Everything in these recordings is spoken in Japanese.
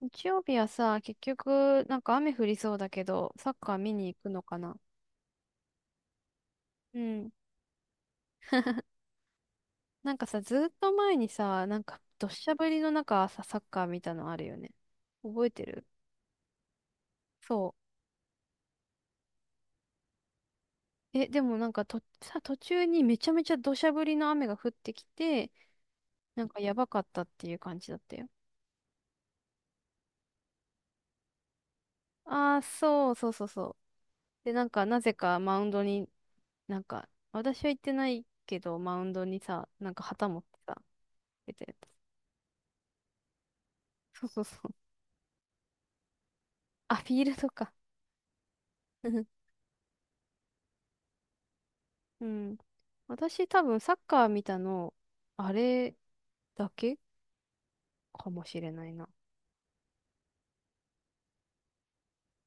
日曜日はさ、結局、なんか雨降りそうだけど、サッカー見に行くのかな。うん。なんかさ、ずっと前にさ、なんか、どっしゃ降りの中、さ、サッカー見たのあるよね。覚えてる？そう。え、でもなんかさ、途中にめちゃめちゃ土砂降りの雨が降ってきて、なんかやばかったっていう感じだったよ。ああ、そうそうそうそう。で、なんか、なぜかマウンドに、なんか、私は行ってないけど、マウンドにさ、なんか旗持ってさ、出てた。そうそうそう。あ、フィールドか。うん。私多分サッカー見たの、あれだけかもしれないな。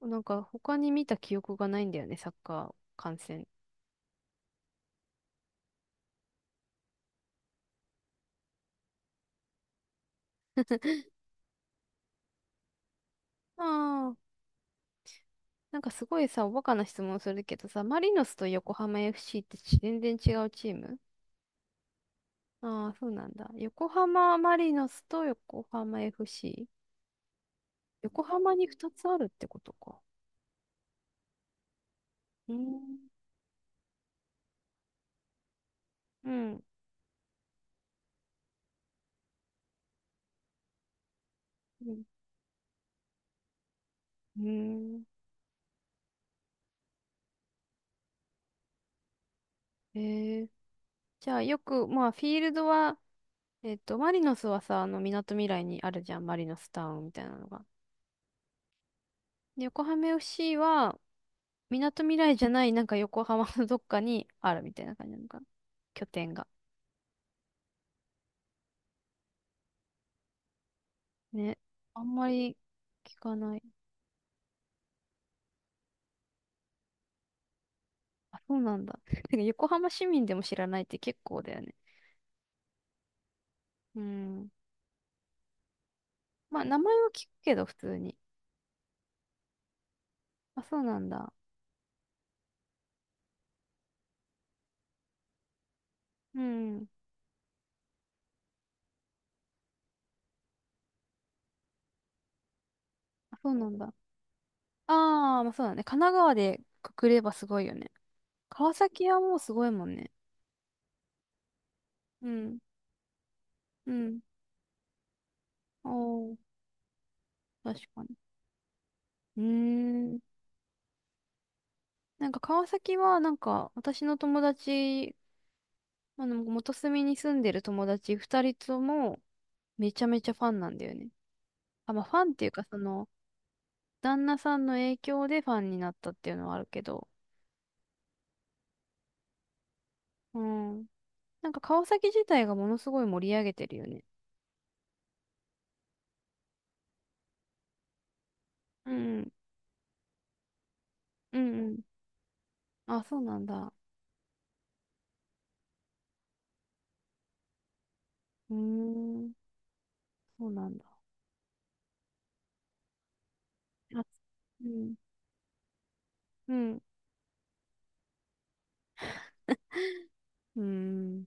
なんか他に見た記憶がないんだよね、サッカー観戦。ああ、なんかすごいさ、おバカな質問するけどさ、マリノスと横浜 FC って全然違うチーム？ああー、そうなんだ。横浜マリノスと横浜 FC。横浜に2つあるってことか。うーん。うん。うん。うーん。えー、じゃあよく、まあフィールドはマリノスはさ、あの、みなとみらいにあるじゃん、マリノスタウンみたいなのが。で、横浜 FC は、みなとみらいじゃない、なんか横浜のどっかにあるみたいな感じなのかな。拠点が。ね。あんまり聞かない。あ、そうなんだ。てか横浜市民でも知らないって結構だよね。うん。まあ、名前は聞くけど、普通に。あ、そうなんだ。うん。あ、そうなんだ。ああ、まあそうだね。神奈川でくくればすごいよね。川崎はもうすごいもんね。うん。うん。おー。確かに。うーん。なんか川崎は、なんか私の友達、あの、元住に住んでる友達二人ともめちゃめちゃファンなんだよね。あ、まあファンっていうか、その、旦那さんの影響でファンになったっていうのはあるけど、うん。なんか川崎自体がものすごい盛り上げてるよね。うん、うん、うん。あ、そうなんだ。うーん、そうなんだ。あ、うん、うん、うーん。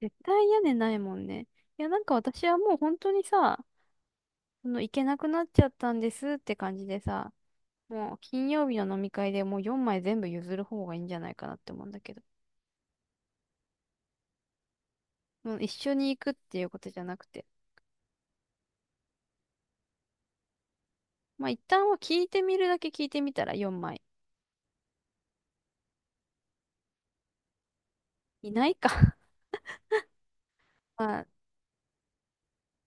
絶対屋根ないもんね。いや、なんか私はもう本当にさ、その行けなくなっちゃったんですって感じでさ、もう金曜日の飲み会でもう4枚全部譲る方がいいんじゃないかなって思うんだけど、もう一緒に行くっていうことじゃなくて、まあ一旦は聞いてみるだけ聞いてみたら4枚。いないか。 まあ、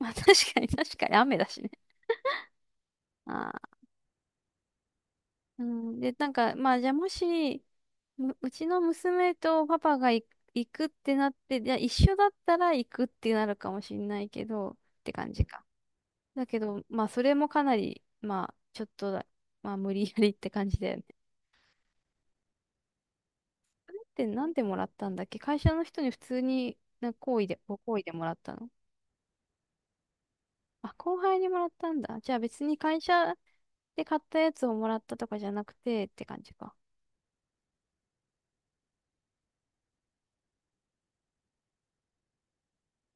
まあ、確かに確かに雨だしね。ああ、うん。で、なんか、まあじゃあもし、うちの娘とパパが行くってなって、じゃあ一緒だったら行くってなるかもしんないけど、って感じか。だけど、まあ、それもかなり、まあ、ちょっとだ、まあ、無理やりって感じだよね。で、なんでもらったんだっけ？会社の人に普通に、好意で、ご好意でもらったの？あ、後輩にもらったんだ。じゃあ別に会社で買ったやつをもらったとかじゃなくてって感じか。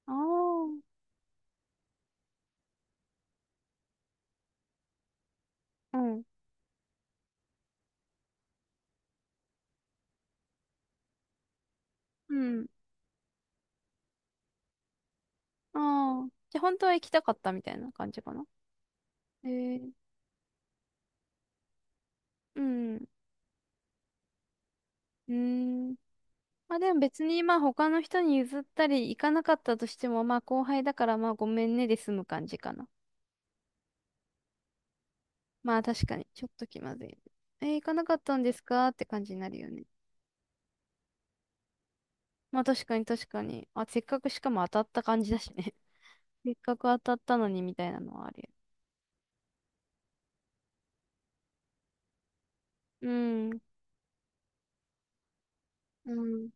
ああ、うん。うん。ああ。じゃあ本当は行きたかったみたいな感じかな。えー、うん。うーん。まあでも別にまあ他の人に譲ったり行かなかったとしてもまあ後輩だからまあごめんねで済む感じかな。まあ確かに、ちょっと気まずいね。えー行かなかったんですかって感じになるよね。まあ確かに確かに。あ、せっかくしかも当たった感じだしね。せっかく当たったのにみたいなのはあるよ。うん。うん。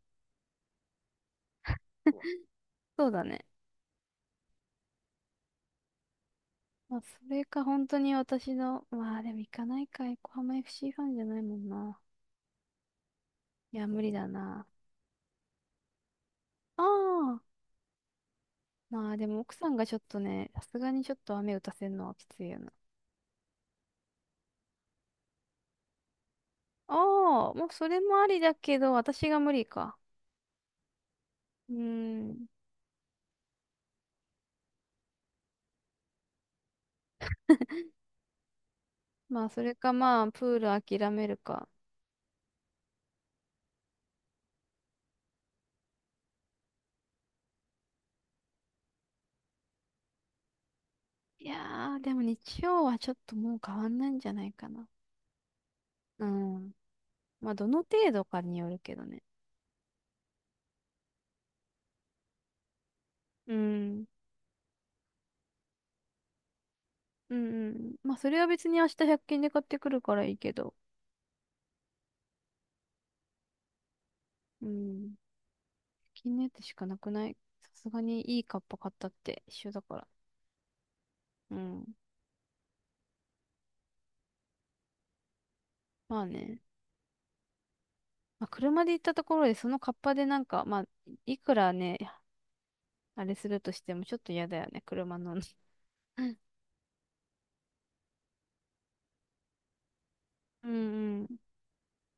そうだね。まあそれか本当に私の、まあでも行かないか、横浜 FC フシーファンじゃないもんな。いや、無理だな。ああ。まあでも奥さんがちょっとね、さすがにちょっと雨打たせるのはきついよな。ああ、もうそれもありだけど、私が無理か。うーん。まあ、それかまあ、プール諦めるか。いやー、でも日曜はちょっともう変わんないんじゃないかな。うん。まあ、どの程度かによるけどね。うん。うんうん。まあ、それは別に明日100均で買ってくるからいいけど。うん。100均のやつしかなくない？さすがにいいカッパ買ったって一緒だから。うん。まあね。まあ、車で行ったところでそのカッパでなんか、まあ、いくらね、あれするとしてもちょっと嫌だよね。車の。うんうん。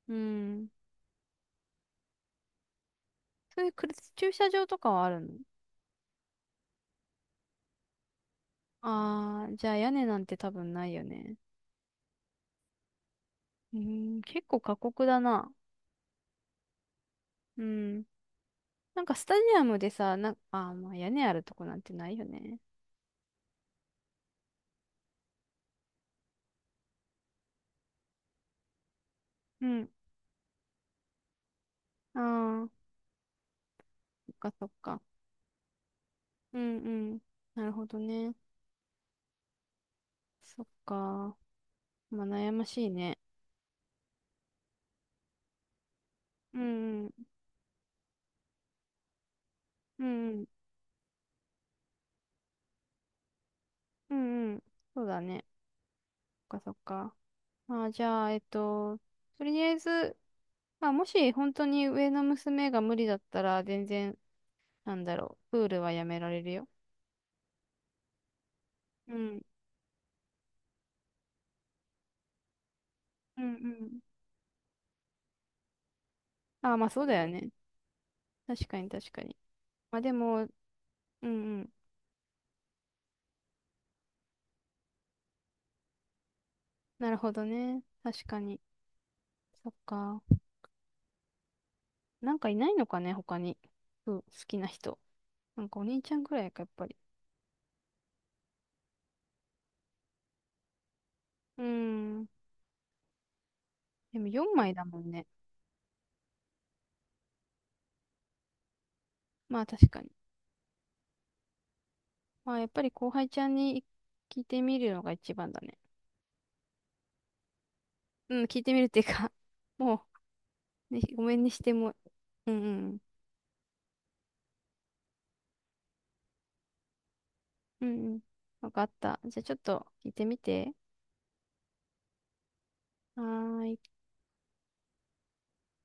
うん。そういうくる駐車場とかはあるの？ああー、じゃあ屋根なんて多分ないよね。うーん、結構過酷だな。うん。なんかスタジアムでさ、な、あー、まあ屋根あるとこなんてないよね。うん。ああ、そっかそっか。うんうん。なるほどね。そっか。まあ悩ましいね。うんうん。うんうん。うんうん。そうだね。そっかそっか。まあじゃあ、とりあえず、まあもし本当に上の娘が無理だったら全然なんだろう。プールはやめられるよ。うん。うんうん。ああ、まあそうだよね。確かに確かに。まあでも、うんうん。なるほどね。確かに。そっか。なんかいないのかね、他に。うん、好きな人。なんかお兄ちゃんくらいか、やっぱり。うーん。でも4枚だもんね。まあ確かに。まあやっぱり後輩ちゃんに聞いてみるのが一番だね。うん、聞いてみるっていうか もう、ね、ごめんにしても。うんうん。うんうん。わかった。じゃあちょっと聞いてみて。はーい。